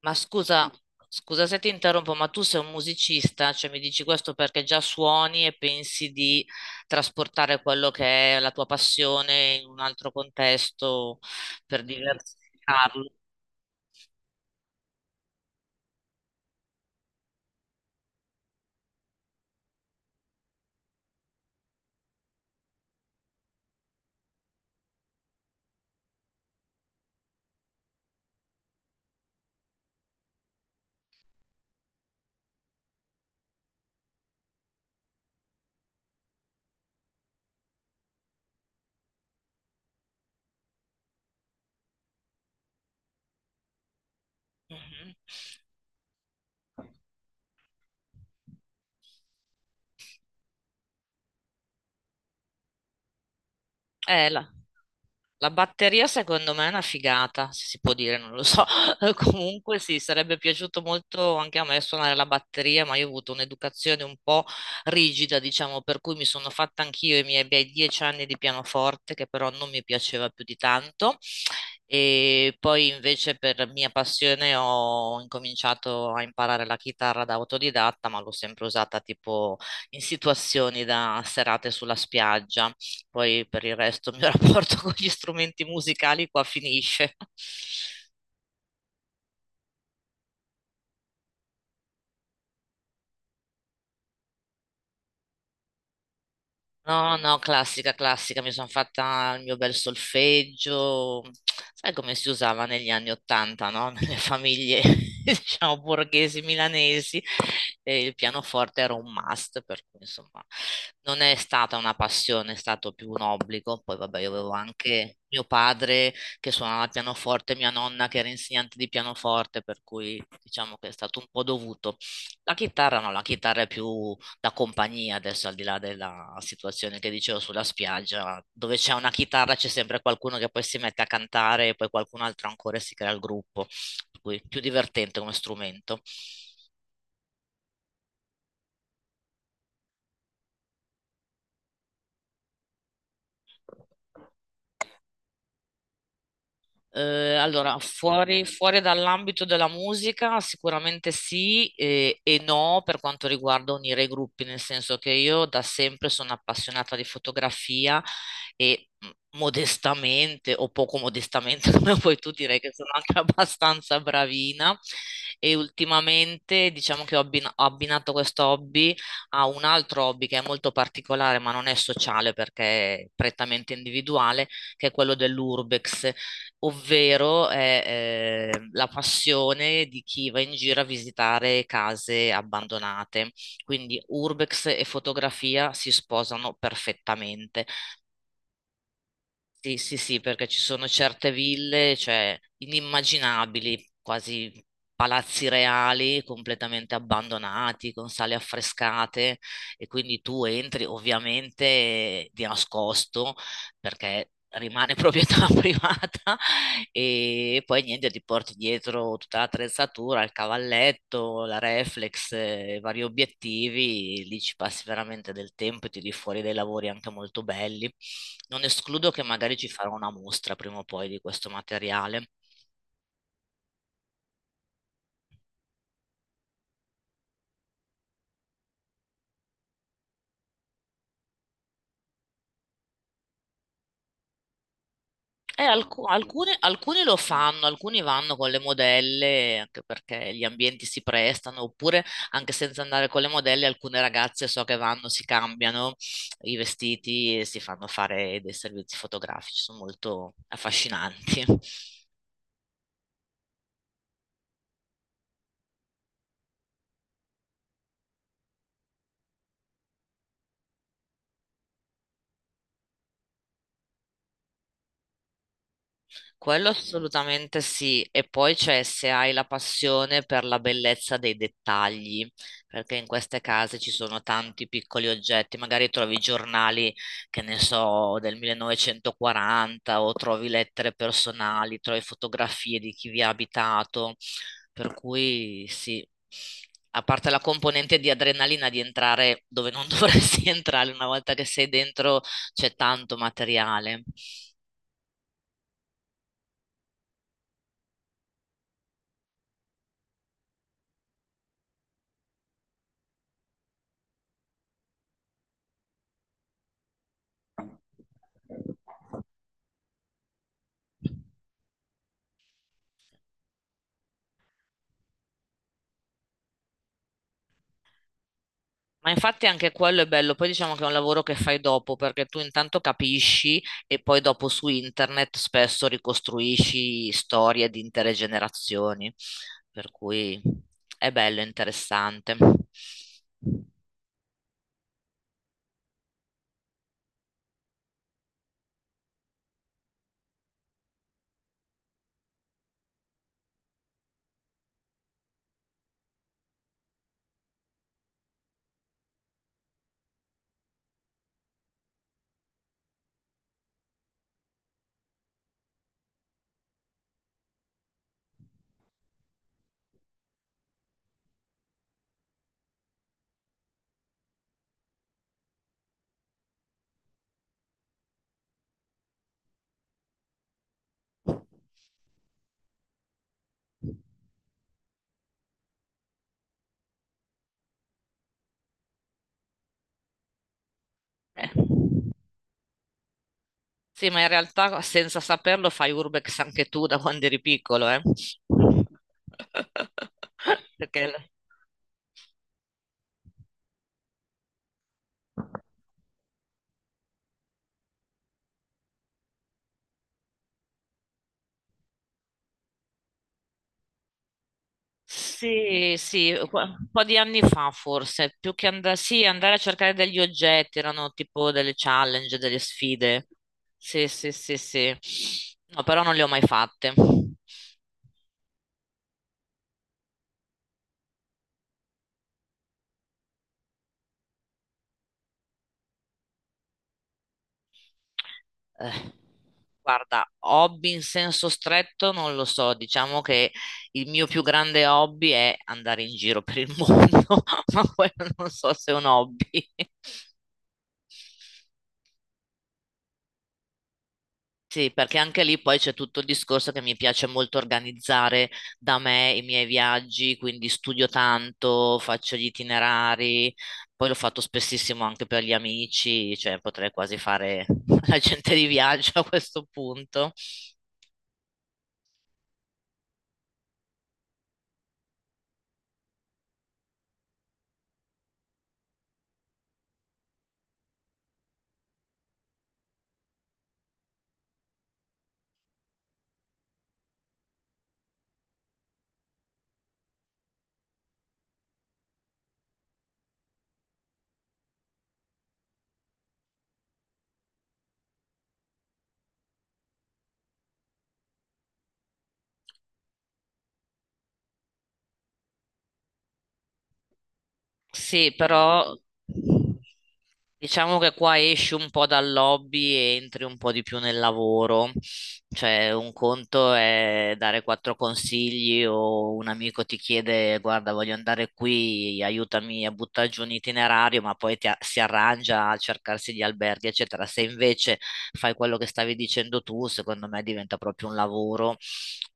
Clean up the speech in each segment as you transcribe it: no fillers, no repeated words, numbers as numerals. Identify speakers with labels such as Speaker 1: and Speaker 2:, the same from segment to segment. Speaker 1: Ma scusa, scusa se ti interrompo, ma tu sei un musicista, cioè mi dici questo perché già suoni e pensi di trasportare quello che è la tua passione in un altro contesto per diversificarlo. Mhm. Là. La batteria secondo me è una figata, se si può dire, non lo so. Comunque sì, sarebbe piaciuto molto anche a me suonare la batteria, ma io ho avuto un'educazione un po' rigida, diciamo, per cui mi sono fatta anch'io i miei bei 10 anni di pianoforte, che però non mi piaceva più di tanto. E poi invece per mia passione ho incominciato a imparare la chitarra da autodidatta, ma l'ho sempre usata tipo in situazioni da serate sulla spiaggia. Poi per il resto il mio rapporto con gli strumenti musicali qua finisce. No, no, classica, classica, mi sono fatta il mio bel solfeggio, sai come si usava negli anni Ottanta, no? Nelle famiglie, diciamo, borghesi milanesi, e il pianoforte era un must, per cui insomma non è stata una passione, è stato più un obbligo. Poi vabbè, io avevo anche mio padre che suonava il pianoforte, mia nonna che era insegnante di pianoforte, per cui diciamo che è stato un po' dovuto. La chitarra no, la chitarra è più la compagnia, adesso al di là della situazione che dicevo sulla spiaggia, dove c'è una chitarra c'è sempre qualcuno che poi si mette a cantare e poi qualcun altro ancora si crea il gruppo, per cui più divertente come strumento. Allora, fuori dall'ambito della musica, sicuramente sì e no per quanto riguarda unire i gruppi, nel senso che io da sempre sono appassionata di fotografia e modestamente o poco modestamente, come puoi tu, direi che sono anche abbastanza bravina e ultimamente diciamo che ho abbinato questo hobby a un altro hobby che è molto particolare, ma non è sociale perché è prettamente individuale, che è quello dell'urbex ovvero è la passione di chi va in giro a visitare case abbandonate. Quindi urbex e fotografia si sposano perfettamente. Sì, sì, sì, perché ci sono certe ville, cioè inimmaginabili, quasi palazzi reali completamente abbandonati, con sale affrescate e quindi tu entri ovviamente di nascosto perché rimane proprietà privata e poi niente, ti porti dietro tutta l'attrezzatura, il cavalletto, la reflex, i vari obiettivi, lì ci passi veramente del tempo e tiri fuori dei lavori anche molto belli. Non escludo che magari ci farò una mostra prima o poi di questo materiale. Alcuni lo fanno, alcuni vanno con le modelle, anche perché gli ambienti si prestano, oppure anche senza andare con le modelle, alcune ragazze so che vanno, si cambiano i vestiti e si fanno fare dei servizi fotografici, sono molto affascinanti. Quello assolutamente sì, e poi c'è se hai la passione per la bellezza dei dettagli, perché in queste case ci sono tanti piccoli oggetti, magari trovi giornali, che ne so, del 1940 o trovi lettere personali, trovi fotografie di chi vi ha abitato, per cui sì, a parte la componente di adrenalina di entrare dove non dovresti entrare una volta che sei dentro, c'è tanto materiale. Ma infatti anche quello è bello, poi diciamo che è un lavoro che fai dopo perché tu intanto capisci e poi dopo su internet spesso ricostruisci storie di intere generazioni, per cui è bello, interessante. Eh. Sì, ma in realtà senza saperlo fai urbex anche tu da quando eri piccolo, eh? Perché... l- Sì, sì, un po' di anni fa forse, più che andare, sì, andare a cercare degli oggetti, erano tipo delle challenge, delle sfide. Sì, sì, sì, sì. No, però non le ho mai fatte. Eh, Guarda, hobby in senso stretto non lo so, diciamo che il mio più grande hobby è andare in giro per il mondo, ma quello non so se è un hobby. Sì, perché anche lì poi c'è tutto il discorso che mi piace molto organizzare da me i miei viaggi, quindi studio tanto, faccio gli itinerari, poi l'ho fatto spessissimo anche per gli amici, cioè potrei quasi fare l'agente di viaggio a questo punto. Sì, però diciamo che qua esci un po' dal hobby e entri un po' di più nel lavoro. Cioè, un conto è dare quattro consigli o un amico ti chiede, guarda, voglio andare qui, aiutami a buttare giù un itinerario, ma poi si arrangia a cercarsi gli alberghi, eccetera. Se invece fai quello che stavi dicendo tu, secondo me diventa proprio un lavoro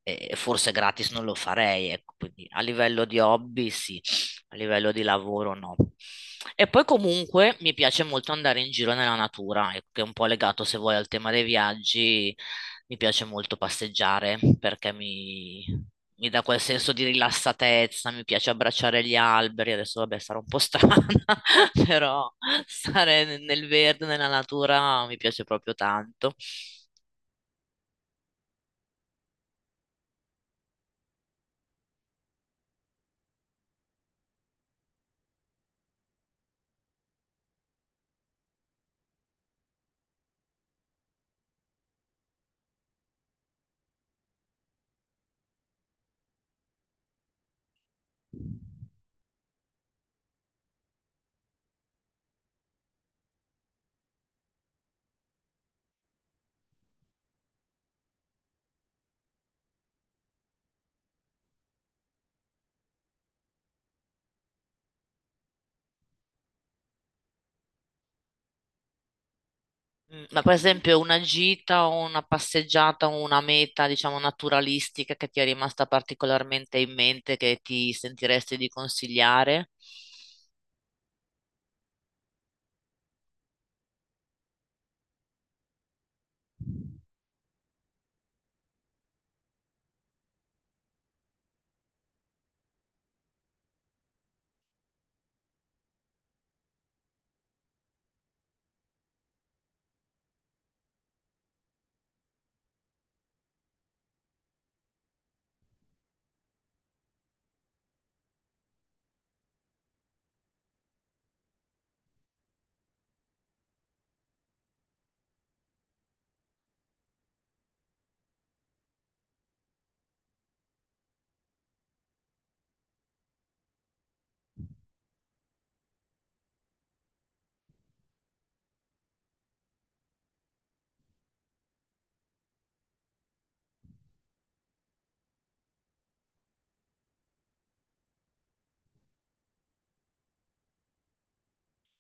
Speaker 1: e forse gratis non lo farei, ecco. Quindi a livello di hobby, sì a livello di lavoro no. E poi comunque mi piace molto andare in giro nella natura, che è un po' legato se vuoi al tema dei viaggi, mi piace molto passeggiare perché mi dà quel senso di rilassatezza, mi piace abbracciare gli alberi, adesso vabbè sarò un po' strana, però stare nel verde, nella natura mi piace proprio tanto. Mm, ma per esempio una gita o una passeggiata o una meta, diciamo, naturalistica che ti è rimasta particolarmente in mente, che ti sentiresti di consigliare?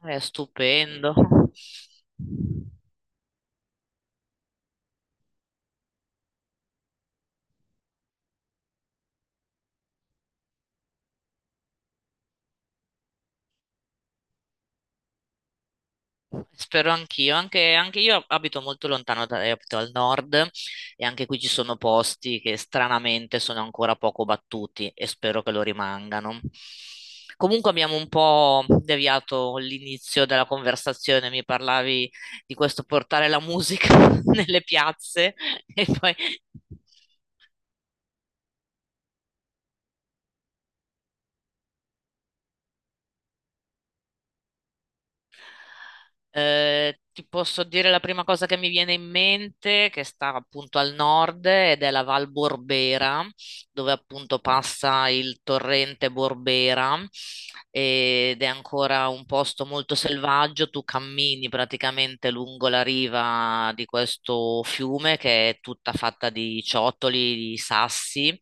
Speaker 1: È stupendo. Spero anch'io, anche, anche io abito molto lontano, da, abito al nord e anche qui ci sono posti che stranamente sono ancora poco battuti e spero che lo rimangano. Comunque abbiamo un po' deviato l'inizio della conversazione, mi parlavi di questo portare la musica nelle piazze e poi... ti posso dire la prima cosa che mi viene in mente, che sta appunto al nord ed è la Val Borbera, dove appunto passa il torrente Borbera ed è ancora un posto molto selvaggio. Tu cammini praticamente lungo la riva di questo fiume che è tutta fatta di ciottoli, di sassi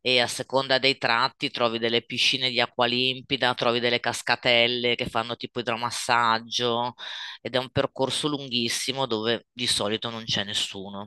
Speaker 1: e a seconda dei tratti trovi delle piscine di acqua limpida, trovi delle cascatelle che fanno tipo idromassaggio ed è un percorso lunghissimo dove di solito non c'è nessuno.